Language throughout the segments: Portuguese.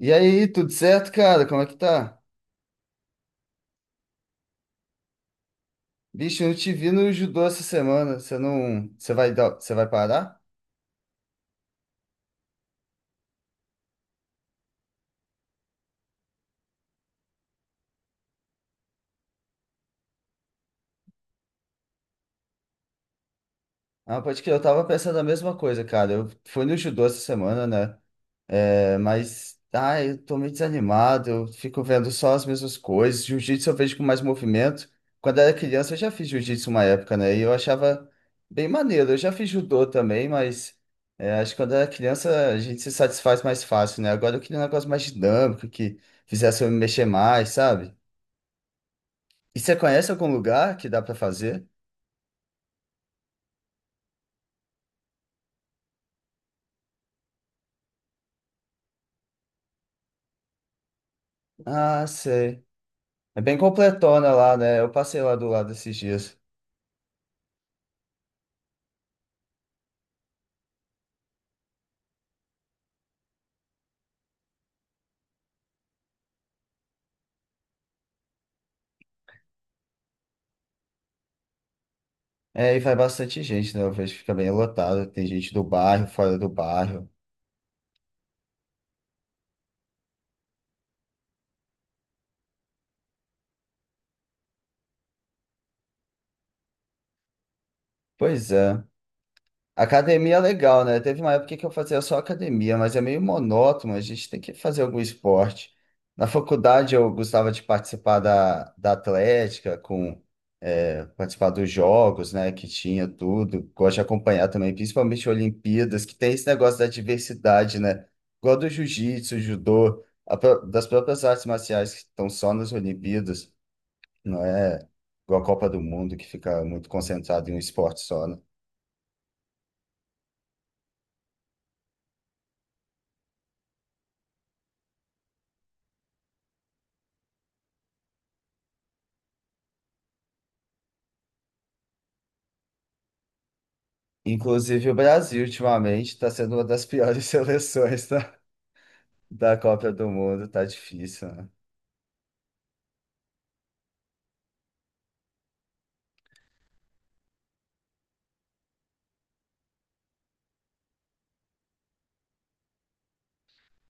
E aí, tudo certo, cara? Como é que tá? Bicho, eu não te vi no judô essa semana. Você não, você vai parar? Ah, pode crer, eu tava pensando a mesma coisa, cara. Eu fui no judô essa semana, né? É, mas, eu tô meio desanimado, eu fico vendo só as mesmas coisas. Jiu-jitsu eu vejo com mais movimento. Quando era criança, eu já fiz jiu-jitsu uma época, né? E eu achava bem maneiro. Eu já fiz judô também, mas é, acho que quando era criança a gente se satisfaz mais fácil, né? Agora eu queria um negócio mais dinâmico, que fizesse eu me mexer mais, sabe? E você conhece algum lugar que dá pra fazer? Ah, sei. É bem completona lá, né? Eu passei lá do lado esses dias. É, e vai bastante gente, né? Eu vejo que fica bem lotado. Tem gente do bairro, fora do bairro. Pois é. Academia é legal, né? Teve uma época que eu fazia só academia, mas é meio monótono. A gente tem que fazer algum esporte. Na faculdade eu gostava de participar da atlética, com é, participar dos jogos, né? Que tinha tudo. Gosto de acompanhar também, principalmente Olimpíadas, que tem esse negócio da diversidade, né? Igual do jiu-jitsu, judô, das próprias artes marciais que estão só nas Olimpíadas. Não é igual a Copa do Mundo, que fica muito concentrado em um esporte só, né? Inclusive, o Brasil, ultimamente, está sendo uma das piores seleções da, da Copa do Mundo. Tá difícil, né?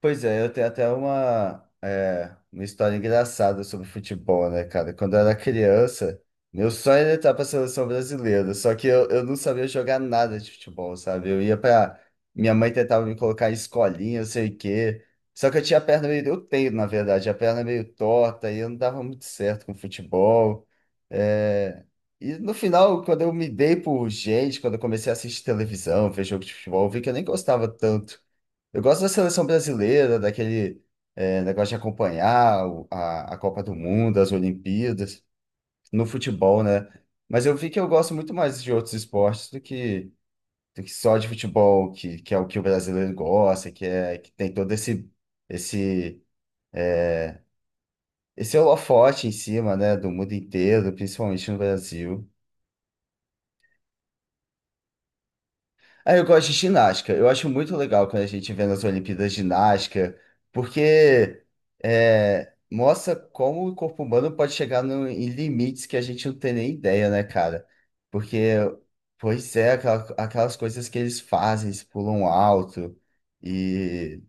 Pois é, eu tenho até uma, é, uma história engraçada sobre futebol, né, cara? Quando eu era criança, meu sonho era entrar pra seleção brasileira, só que eu não sabia jogar nada de futebol, sabe? Eu ia pra. Minha mãe tentava me colocar em escolinha, eu sei o quê. Só que eu tinha a perna meio. Eu tenho, na verdade, a perna meio torta e eu não dava muito certo com futebol. É, e no final, quando eu me dei por gente, quando eu comecei a assistir televisão, ver jogo de futebol, eu vi que eu nem gostava tanto. Eu gosto da seleção brasileira, daquele negócio de acompanhar a Copa do Mundo, as Olimpíadas, no futebol, né? Mas eu vi que eu gosto muito mais de outros esportes do que só de futebol, que é o que o brasileiro gosta, que é que tem todo esse esse holofote em cima, né, do mundo inteiro, principalmente no Brasil. Ah, eu gosto de ginástica. Eu acho muito legal quando a gente vê nas Olimpíadas ginástica, porque é, mostra como o corpo humano pode chegar em limites que a gente não tem nem ideia, né, cara? Porque, pois é, aquelas coisas que eles fazem, eles pulam alto. E.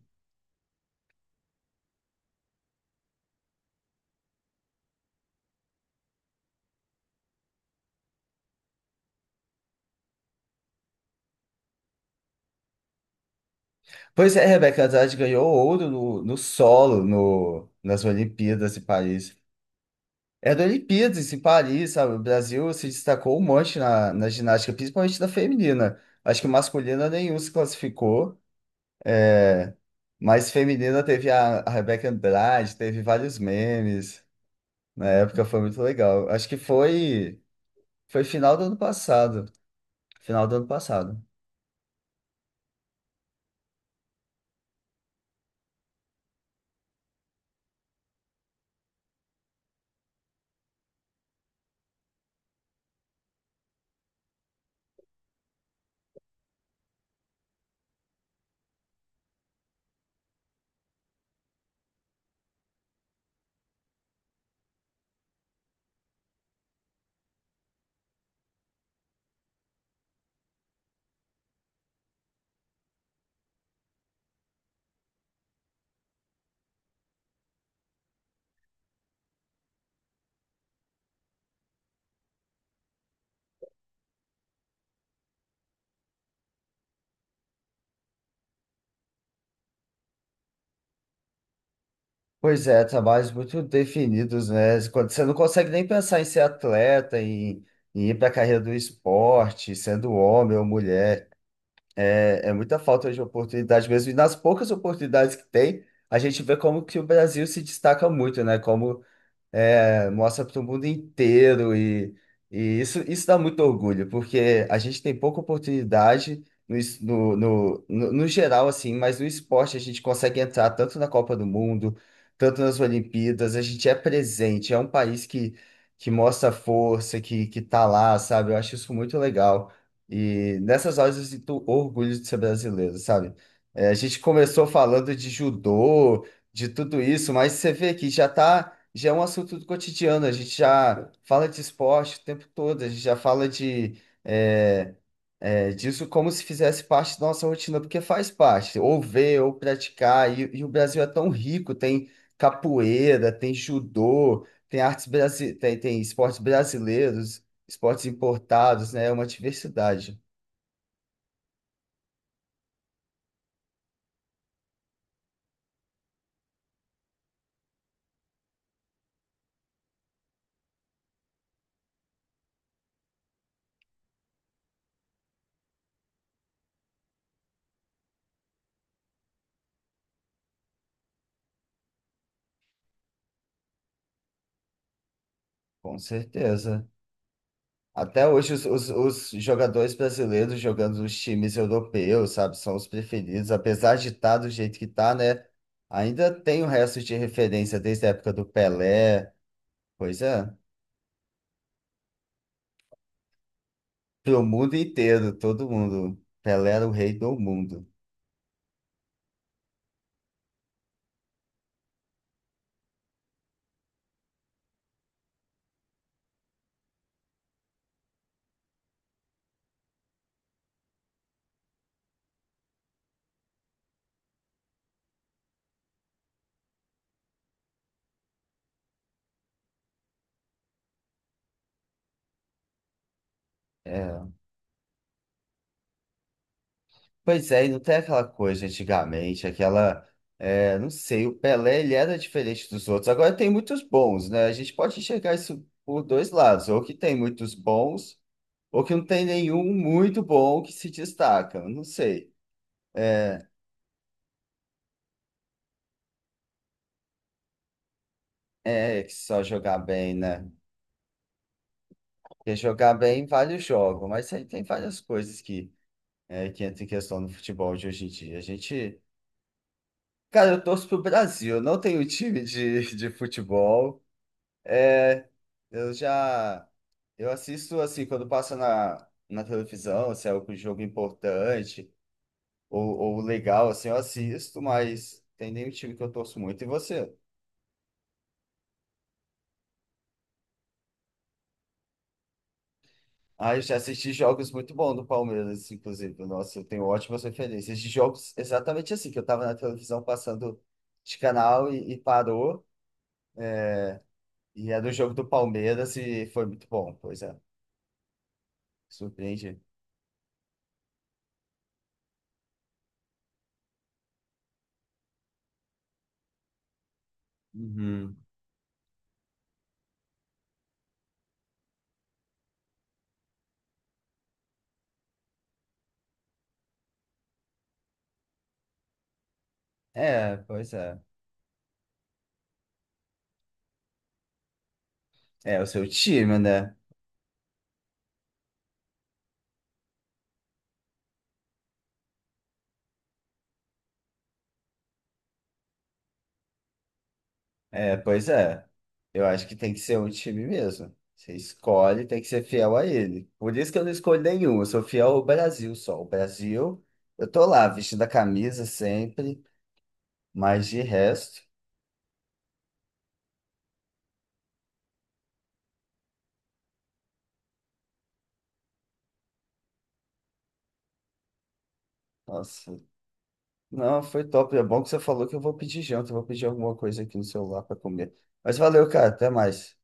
Pois é, Rebeca Andrade ganhou ouro no solo no, nas Olimpíadas de Paris. Era Olimpíadas em Paris, sabe? O Brasil se destacou um monte na ginástica, principalmente na feminina. Acho que masculina nenhum se classificou, mas feminina teve a Rebeca Andrade, teve vários memes. Na época foi muito legal. Acho que foi final do ano passado. Final do ano passado. Pois é, trabalhos muito definidos, né? Quando você não consegue nem pensar em ser atleta, em ir para a carreira do esporte, sendo homem ou mulher. É, é muita falta de oportunidade mesmo. E nas poucas oportunidades que tem, a gente vê como que o Brasil se destaca muito, né? Como é, mostra para o mundo inteiro e, isso dá muito orgulho, porque a gente tem pouca oportunidade no, no geral, assim, mas no esporte a gente consegue entrar tanto na Copa do Mundo, tanto nas Olimpíadas, a gente é presente, é um país que mostra força, que tá lá, sabe? Eu acho isso muito legal. E nessas horas eu sinto orgulho de ser brasileiro, sabe? É, a gente começou falando de judô, de tudo isso, mas você vê que já é um assunto do cotidiano, a gente já fala de esporte o tempo todo, a gente já fala de, é, disso como se fizesse parte da nossa rotina, porque faz parte, ou ver, ou praticar, e o Brasil é tão rico, tem capoeira, tem judô, tem, tem esportes brasileiros, esportes importados, né? É uma diversidade, com certeza. Até hoje, os jogadores brasileiros jogando nos times europeus, sabe, são os preferidos. Apesar de estar do jeito que tá, né? Ainda tem o resto de referência desde a época do Pelé. Pois é, pro mundo inteiro, todo mundo. Pelé era o rei do mundo. É. Pois é, e não tem aquela coisa antigamente, aquela. É, não sei, o Pelé ele era diferente dos outros. Agora tem muitos bons, né? A gente pode enxergar isso por dois lados, ou que tem muitos bons. Ou que não tem nenhum muito bom que se destaca, eu não sei. É que só jogar bem, né? Porque jogar bem vários jogos, mas aí tem várias coisas que, é, que entram em questão no futebol de hoje em dia. A gente. Cara, eu torço pro Brasil, eu não tenho time de, de futebol. É, eu já. Eu assisto assim, quando passa na televisão, se é algum jogo importante ou legal, assim, eu assisto, mas tem nenhum time que eu torço muito. E você? Ah, eu já assisti jogos muito bons do Palmeiras, inclusive. Nossa, eu tenho ótimas referências de jogos exatamente assim, que eu tava na televisão passando de canal e parou, e era o jogo do Palmeiras e foi muito bom, pois é. Surpreende. Uhum. É, pois é. É o seu time, né? É, pois é. Eu acho que tem que ser um time mesmo. Você escolhe, tem que ser fiel a ele. Por isso que eu não escolho nenhum, eu sou fiel ao Brasil só. O Brasil, eu tô lá vestindo a camisa sempre. Mas de resto, nossa, não, foi top. É bom que você falou que eu vou pedir janta, eu vou pedir alguma coisa aqui no celular para comer. Mas valeu, cara, até mais.